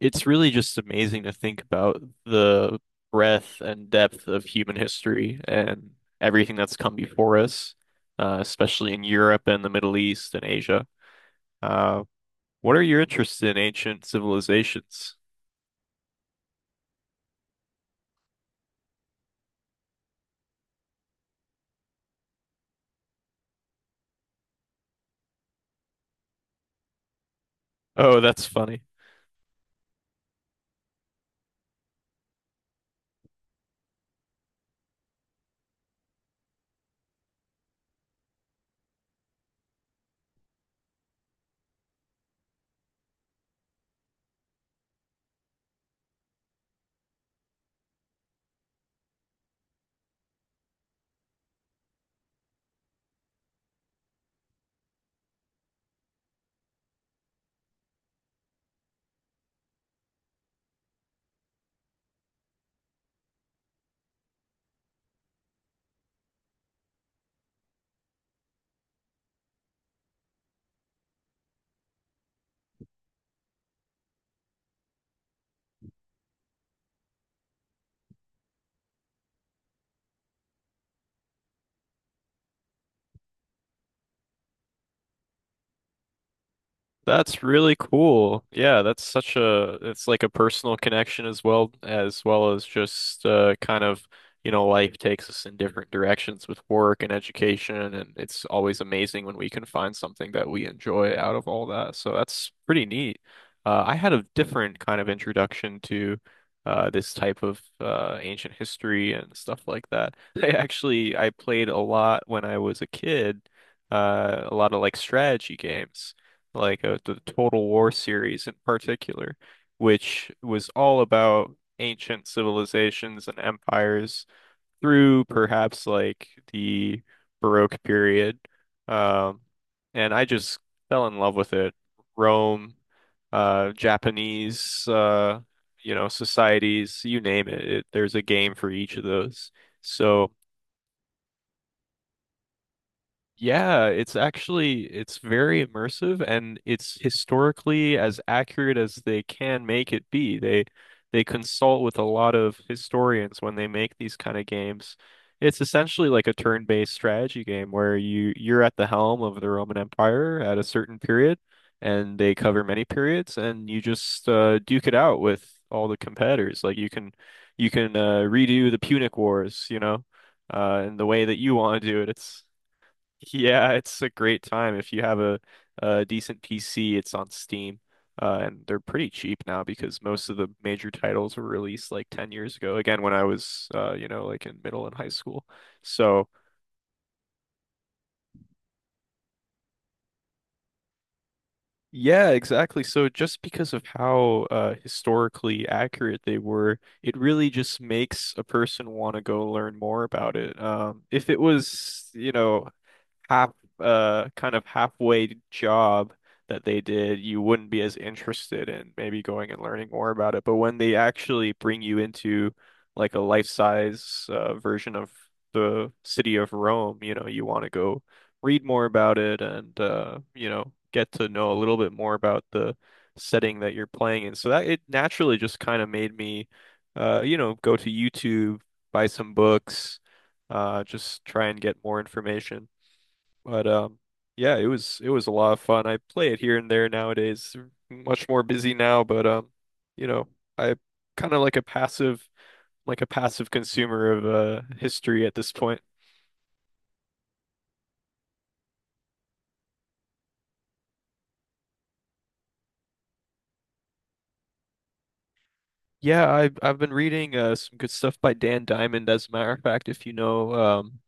It's really just amazing to think about the breadth and depth of human history and everything that's come before us, especially in Europe and the Middle East and Asia. Uh, what are your interests in ancient civilizations? Oh, that's funny. That's really cool. Yeah, that's such a it's like a personal connection as well as just kind of, you know, life takes us in different directions with work and education, and it's always amazing when we can find something that we enjoy out of all that. So that's pretty neat. I had a different kind of introduction to this type of ancient history and stuff like that. I actually I played a lot when I was a kid, a lot of like strategy games like the Total War series in particular, which was all about ancient civilizations and empires through perhaps like the Baroque period. Um, and I just fell in love with it. Rome, Japanese, you know, societies, you name it. There's a game for each of those. So. Yeah, it's actually it's very immersive, and it's historically as accurate as they can make it be. They consult with a lot of historians when they make these kind of games. It's essentially like a turn-based strategy game where you're at the helm of the Roman Empire at a certain period, and they cover many periods, and you just duke it out with all the competitors. Like you can redo the Punic Wars, you know, in the way that you want to do it. It's yeah, it's a great time if you have a decent PC. It's on Steam, and they're pretty cheap now because most of the major titles were released like 10 years ago. Again, when I was, you know, like in middle and high school. So yeah, exactly. So just because of how historically accurate they were, it really just makes a person want to go learn more about it. If it was, Half kind of halfway job that they did, you wouldn't be as interested in maybe going and learning more about it. But when they actually bring you into like a life-size version of the city of Rome, you know, you want to go read more about it and get to know a little bit more about the setting that you're playing in. So that it naturally just kind of made me go to YouTube, buy some books, just try and get more information. But yeah, it was a lot of fun. I play it here and there nowadays. Much more busy now, but you know, I kind of like a passive consumer of history at this point. Yeah, I've been reading some good stuff by Dan Diamond, as a matter of fact, if you know um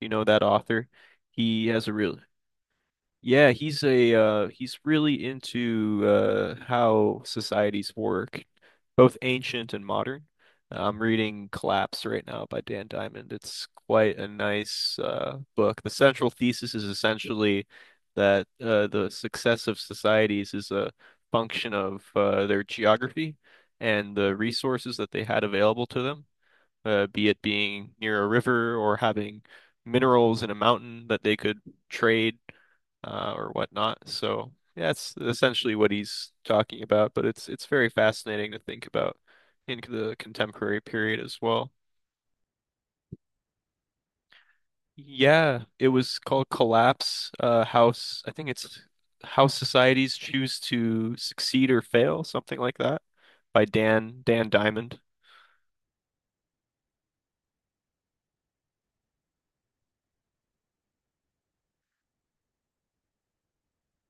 you know that author. He has a real Yeah, he's a he's really into how societies work, both ancient and modern. I'm reading Collapse right now by Dan Diamond. It's quite a nice book. The central thesis is essentially that the success of societies is a function of their geography and the resources that they had available to them, be it being near a river or having minerals in a mountain that they could trade, or whatnot. So yeah, that's essentially what he's talking about, but it's very fascinating to think about in the contemporary period as well. Yeah, it was called Collapse, House. I think it's How Societies Choose to Succeed or Fail, something like that, by Dan Diamond.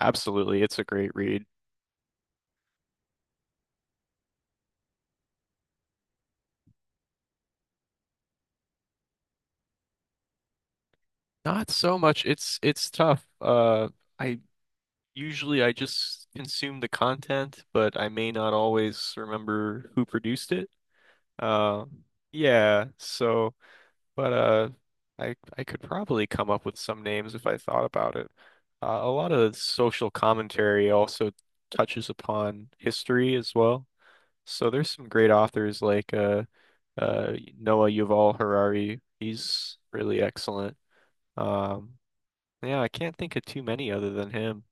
Absolutely, it's a great read. Not so much. It's tough. I usually I just consume the content, but I may not always remember who produced it. Uh, yeah. So, but I could probably come up with some names if I thought about it. A lot of social commentary also touches upon history as well. So there's some great authors like uh, Noah Yuval Harari. He's really excellent. Um, yeah, I can't think of too many other than him.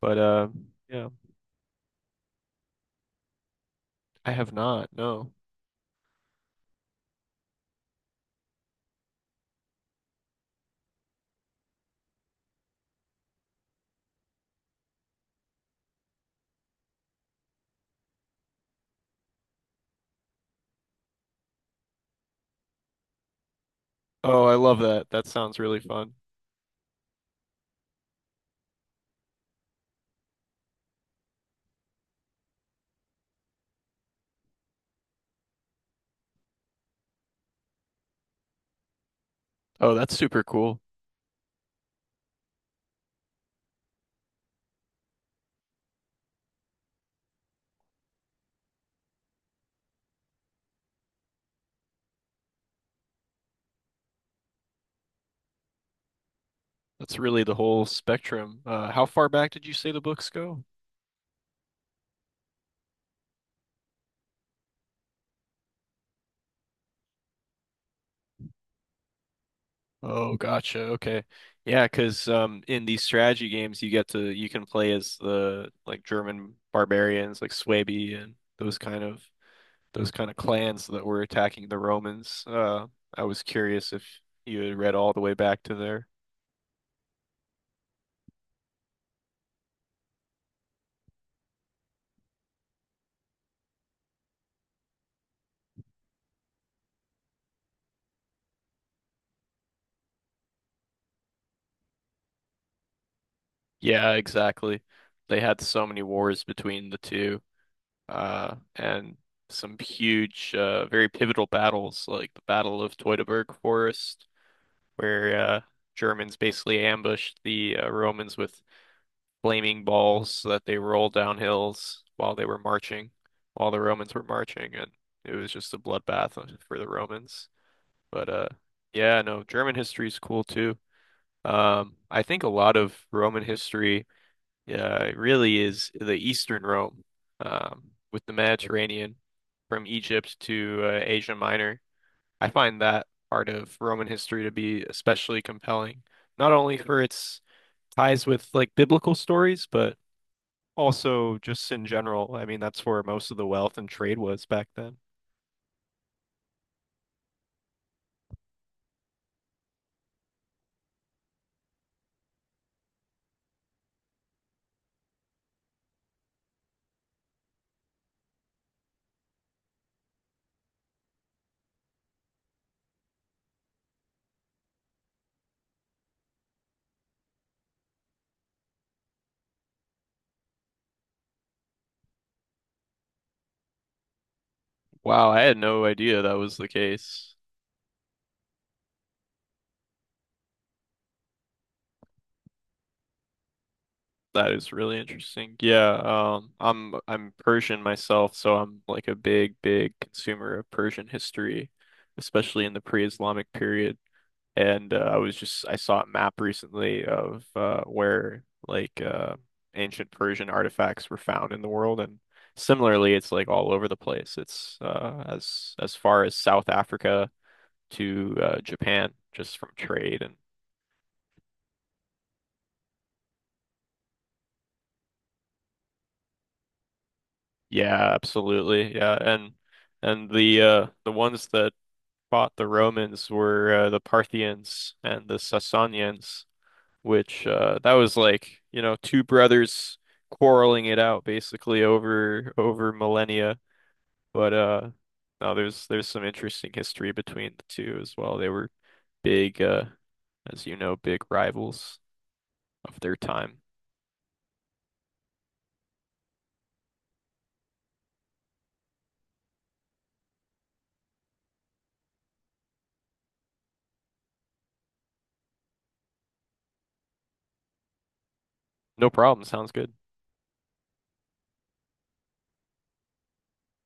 But yeah, I have not. No. Oh, I love that. That sounds really fun. Oh, that's super cool. That's really the whole spectrum. How far back did you say the books go? Oh, gotcha. Okay. Yeah, 'cause in these strategy games you get to you can play as the like German barbarians like Suebi and those kind of clans that were attacking the Romans. I was curious if you had read all the way back to there. Yeah, exactly. They had so many wars between the two, and some huge, very pivotal battles, like the Battle of Teutoburg Forest, where Germans basically ambushed the Romans with flaming balls so that they rolled down hills while they were marching, while the Romans were marching, and it was just a bloodbath for the Romans. But yeah, no, German history is cool too. I think a lot of Roman history yeah, it really is the Eastern Rome, with the Mediterranean from Egypt to Asia Minor. I find that part of Roman history to be especially compelling, not only for its ties with like biblical stories, but also, just in general, I mean, that's where most of the wealth and trade was back then. Wow, I had no idea that was the case. That is really interesting. Yeah, I'm Persian myself, so I'm like a big, big consumer of Persian history, especially in the pre-Islamic period. And I was just I saw a map recently of where like ancient Persian artifacts were found in the world, and similarly, it's like all over the place. It's as far as South Africa to Japan, just from trade. And yeah, absolutely, yeah, and. And the ones that fought the Romans were the Parthians and the Sasanians, which that was like, you know, two brothers quarreling it out basically over millennia. But no, there's some interesting history between the two as well. They were big as you know, big rivals of their time. No problem, sounds good.